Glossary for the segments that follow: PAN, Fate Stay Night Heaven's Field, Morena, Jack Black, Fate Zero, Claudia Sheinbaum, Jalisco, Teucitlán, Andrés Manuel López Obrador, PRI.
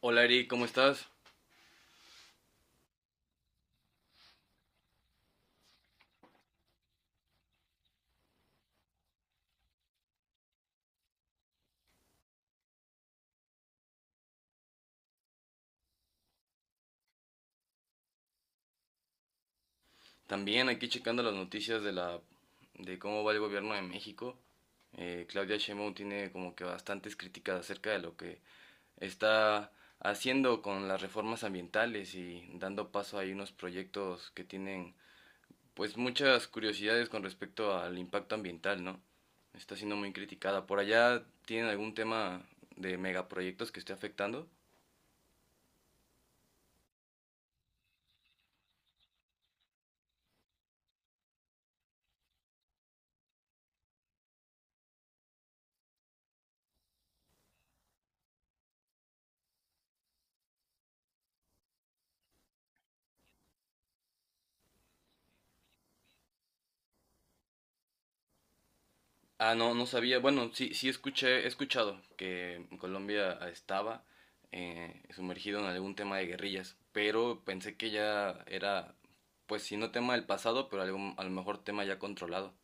Hola Eri, ¿cómo estás? También aquí checando las noticias de la de cómo va el gobierno de México. Claudia Sheinbaum tiene como que bastantes críticas acerca de lo que está haciendo con las reformas ambientales y dando paso a unos proyectos que tienen pues muchas curiosidades con respecto al impacto ambiental, ¿no? Está siendo muy criticada. ¿Por allá tienen algún tema de megaproyectos que esté afectando? Ah, no, no sabía. Bueno, sí, sí escuché, he escuchado que Colombia estaba sumergido en algún tema de guerrillas, pero pensé que ya era, pues si no tema del pasado, pero algún, a lo mejor tema ya controlado.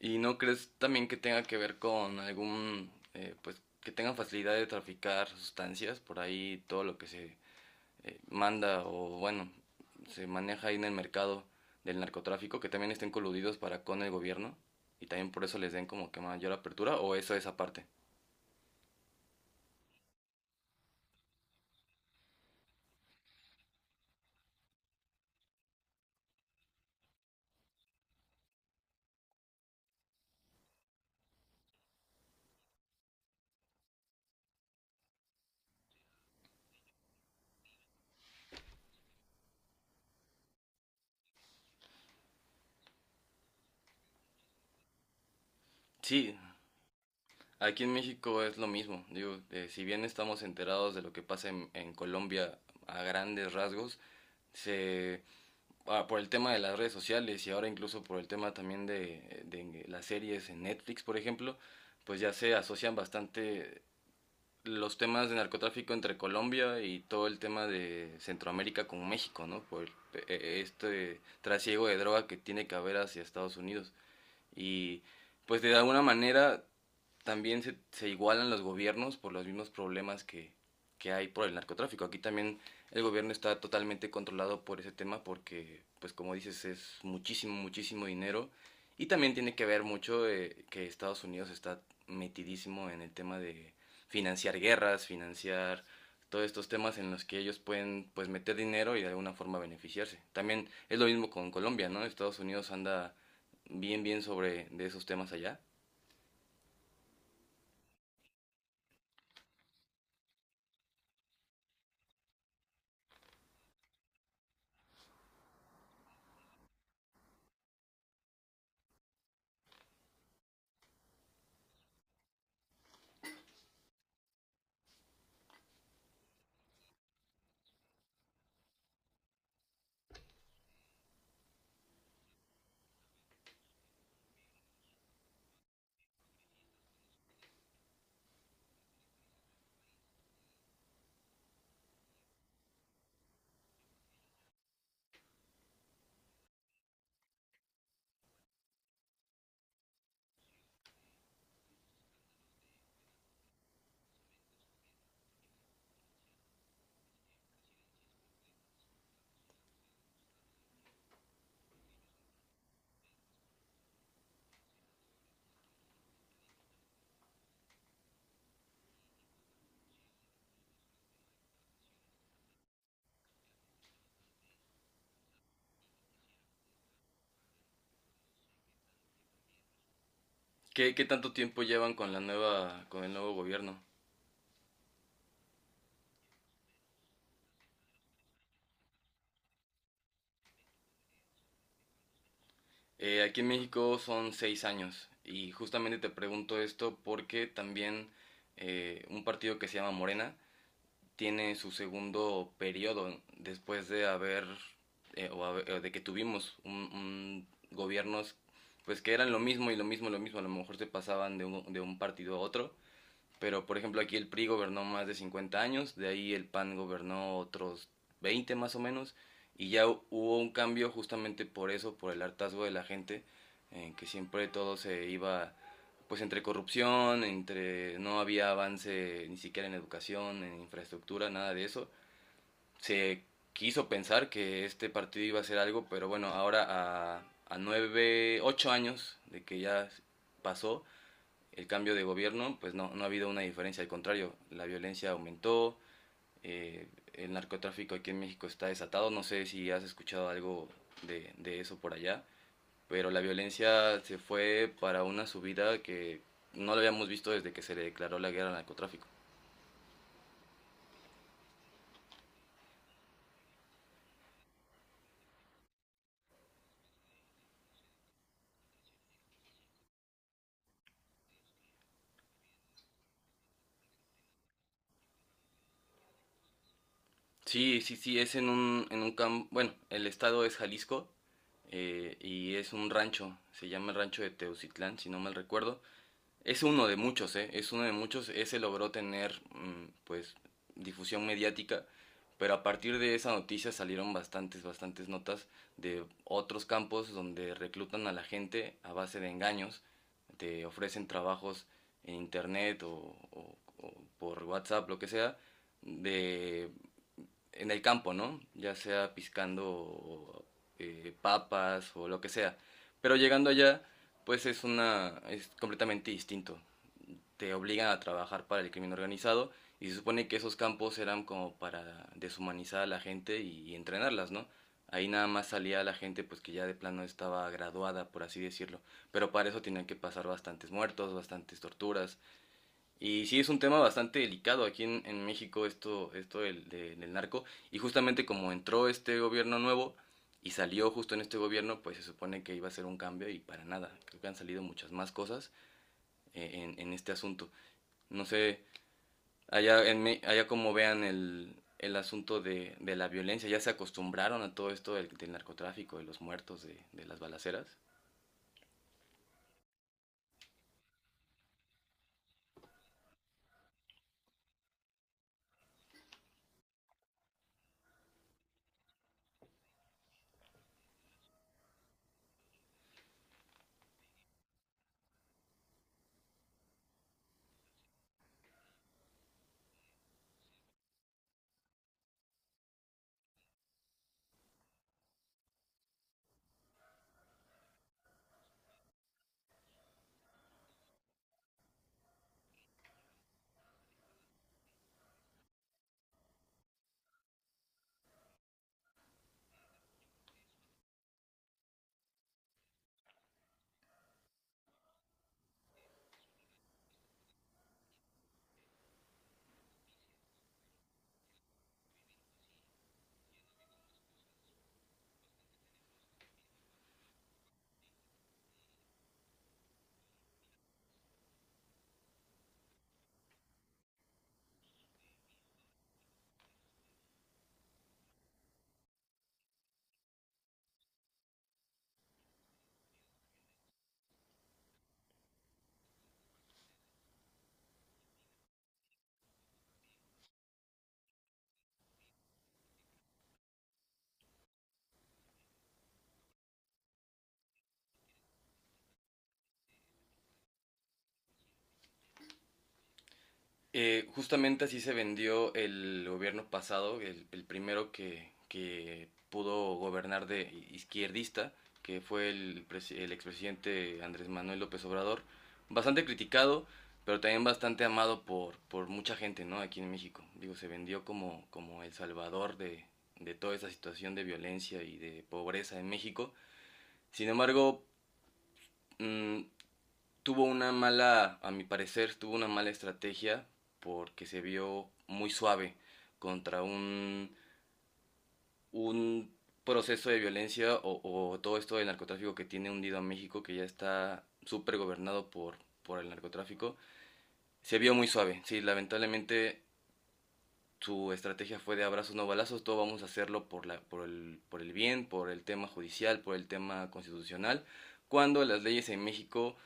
¿Y no crees también que tenga que ver con algún, pues que tengan facilidad de traficar sustancias por ahí, todo lo que se manda o bueno, se maneja ahí en el mercado del narcotráfico, que también estén coludidos para con el gobierno y también por eso les den como que mayor apertura o eso es aparte. Sí, aquí en México es lo mismo. Digo, si bien estamos enterados de lo que pasa en Colombia a grandes rasgos, se ah, por el tema de las redes sociales y ahora incluso por el tema también de las series en Netflix, por ejemplo, pues ya se asocian bastante los temas de narcotráfico entre Colombia y todo el tema de Centroamérica con México, ¿no? Este trasiego de droga que tiene que haber hacia Estados Unidos. Y pues de alguna manera también se igualan los gobiernos por los mismos problemas que hay por el narcotráfico. Aquí también el gobierno está totalmente controlado por ese tema porque, pues como dices, es muchísimo, muchísimo dinero. Y también tiene que ver mucho que Estados Unidos está metidísimo en el tema de financiar guerras, financiar todos estos temas en los que ellos pueden pues meter dinero y de alguna forma beneficiarse. También es lo mismo con Colombia, ¿no? Estados Unidos anda bien, bien sobre de esos temas allá. ¿Qué, qué tanto tiempo llevan con, la nueva, con el nuevo gobierno? Aquí en México son seis años y justamente te pregunto esto porque también un partido que se llama Morena tiene su segundo periodo después de haber, o haber- de que tuvimos un gobiernos pues que eran lo mismo y lo mismo, a lo mejor se pasaban de de un partido a otro. Pero, por ejemplo, aquí el PRI gobernó más de 50 años, de ahí el PAN gobernó otros 20 más o menos, y ya hubo un cambio justamente por eso, por el hartazgo de la gente, en que siempre todo se iba, pues, entre corrupción, entre no había avance ni siquiera en educación, en infraestructura, nada de eso. Se quiso pensar que este partido iba a hacer algo, pero bueno, ahora a, a nueve, ocho años de que ya pasó, el cambio de gobierno, pues no, no ha habido una diferencia, al contrario, la violencia aumentó, eh, el narcotráfico aquí en México está desatado, no sé si has escuchado algo de eso por allá, pero la violencia se fue para una subida que no lo habíamos visto desde que se le declaró la guerra al narcotráfico. Sí, sí, sí, es en un campo, bueno, el estado es Jalisco y es un rancho, se llama el rancho de Teucitlán, si no mal recuerdo. Es uno de muchos, ¿eh? Es uno de muchos. Ese logró tener, mm, pues, difusión mediática, pero a partir de esa noticia salieron bastantes, bastantes notas de otros campos donde reclutan a la gente a base de engaños, te ofrecen trabajos en internet o, o por WhatsApp, lo que sea, de, en el campo, ¿no? Ya sea piscando papas o lo que sea. Pero llegando allá, pues es una, es completamente distinto, te obligan a trabajar para el crimen organizado y se supone que esos campos eran como para deshumanizar a la gente y entrenarlas, ¿no? Ahí nada más salía la gente pues que ya de plano estaba graduada, por así decirlo, pero para eso tenían que pasar bastantes muertos, bastantes torturas. Y sí es un tema bastante delicado aquí en México esto, esto del, del narco y justamente como entró este gobierno nuevo y salió justo en este gobierno, pues se supone que iba a ser un cambio y para nada. Creo que han salido muchas más cosas en este asunto. No sé, allá, en, Me- allá como vean el asunto de la violencia, ya se acostumbraron a todo esto del, del narcotráfico, de los muertos, de las balaceras. Justamente así se vendió el gobierno pasado, el primero que pudo gobernar de izquierdista, que fue el, pres- el expresidente Andrés Manuel López Obrador, bastante criticado, pero también bastante amado por mucha gente, ¿no? Aquí en México. Digo, se vendió como, como el salvador de toda esa situación de violencia y de pobreza en México. Sin embargo, mm, tuvo una mala, a mi parecer, tuvo una mala estrategia porque se vio muy suave contra un proceso de violencia o todo esto del narcotráfico que tiene hundido a México, que ya está súper gobernado por el narcotráfico. Se vio muy suave, sí, lamentablemente su estrategia fue de abrazos no balazos, todo vamos a hacerlo por, la, por el bien, por el tema judicial, por el tema constitucional, cuando las leyes en México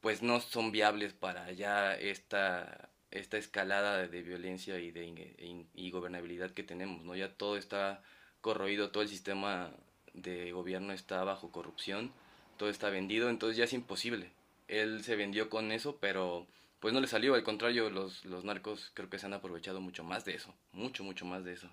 pues no son viables para ya esta escalada de violencia y de e in- y gobernabilidad que tenemos, ¿no? Ya todo está corroído, todo el sistema de gobierno está bajo corrupción, todo está vendido, entonces ya es imposible. Él se vendió con eso, pero pues no le salió, al contrario, los narcos creo que se han aprovechado mucho más de eso, mucho, mucho más de eso.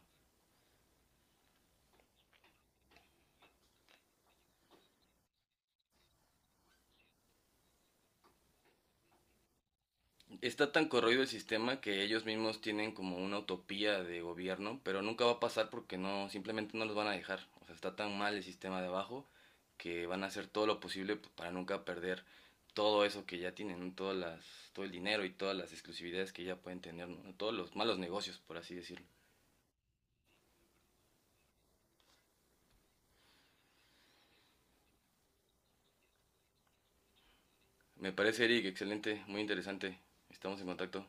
Está tan corroído el sistema que ellos mismos tienen como una utopía de gobierno, pero nunca va a pasar porque no, simplemente no los van a dejar. O sea, está tan mal el sistema de abajo que van a hacer todo lo posible para nunca perder todo eso que ya tienen, ¿no? Todas las, todo el dinero y todas las exclusividades que ya pueden tener, ¿no? Todos los malos negocios, por así decirlo. Me parece, Eric, excelente, muy interesante. Estamos en contacto.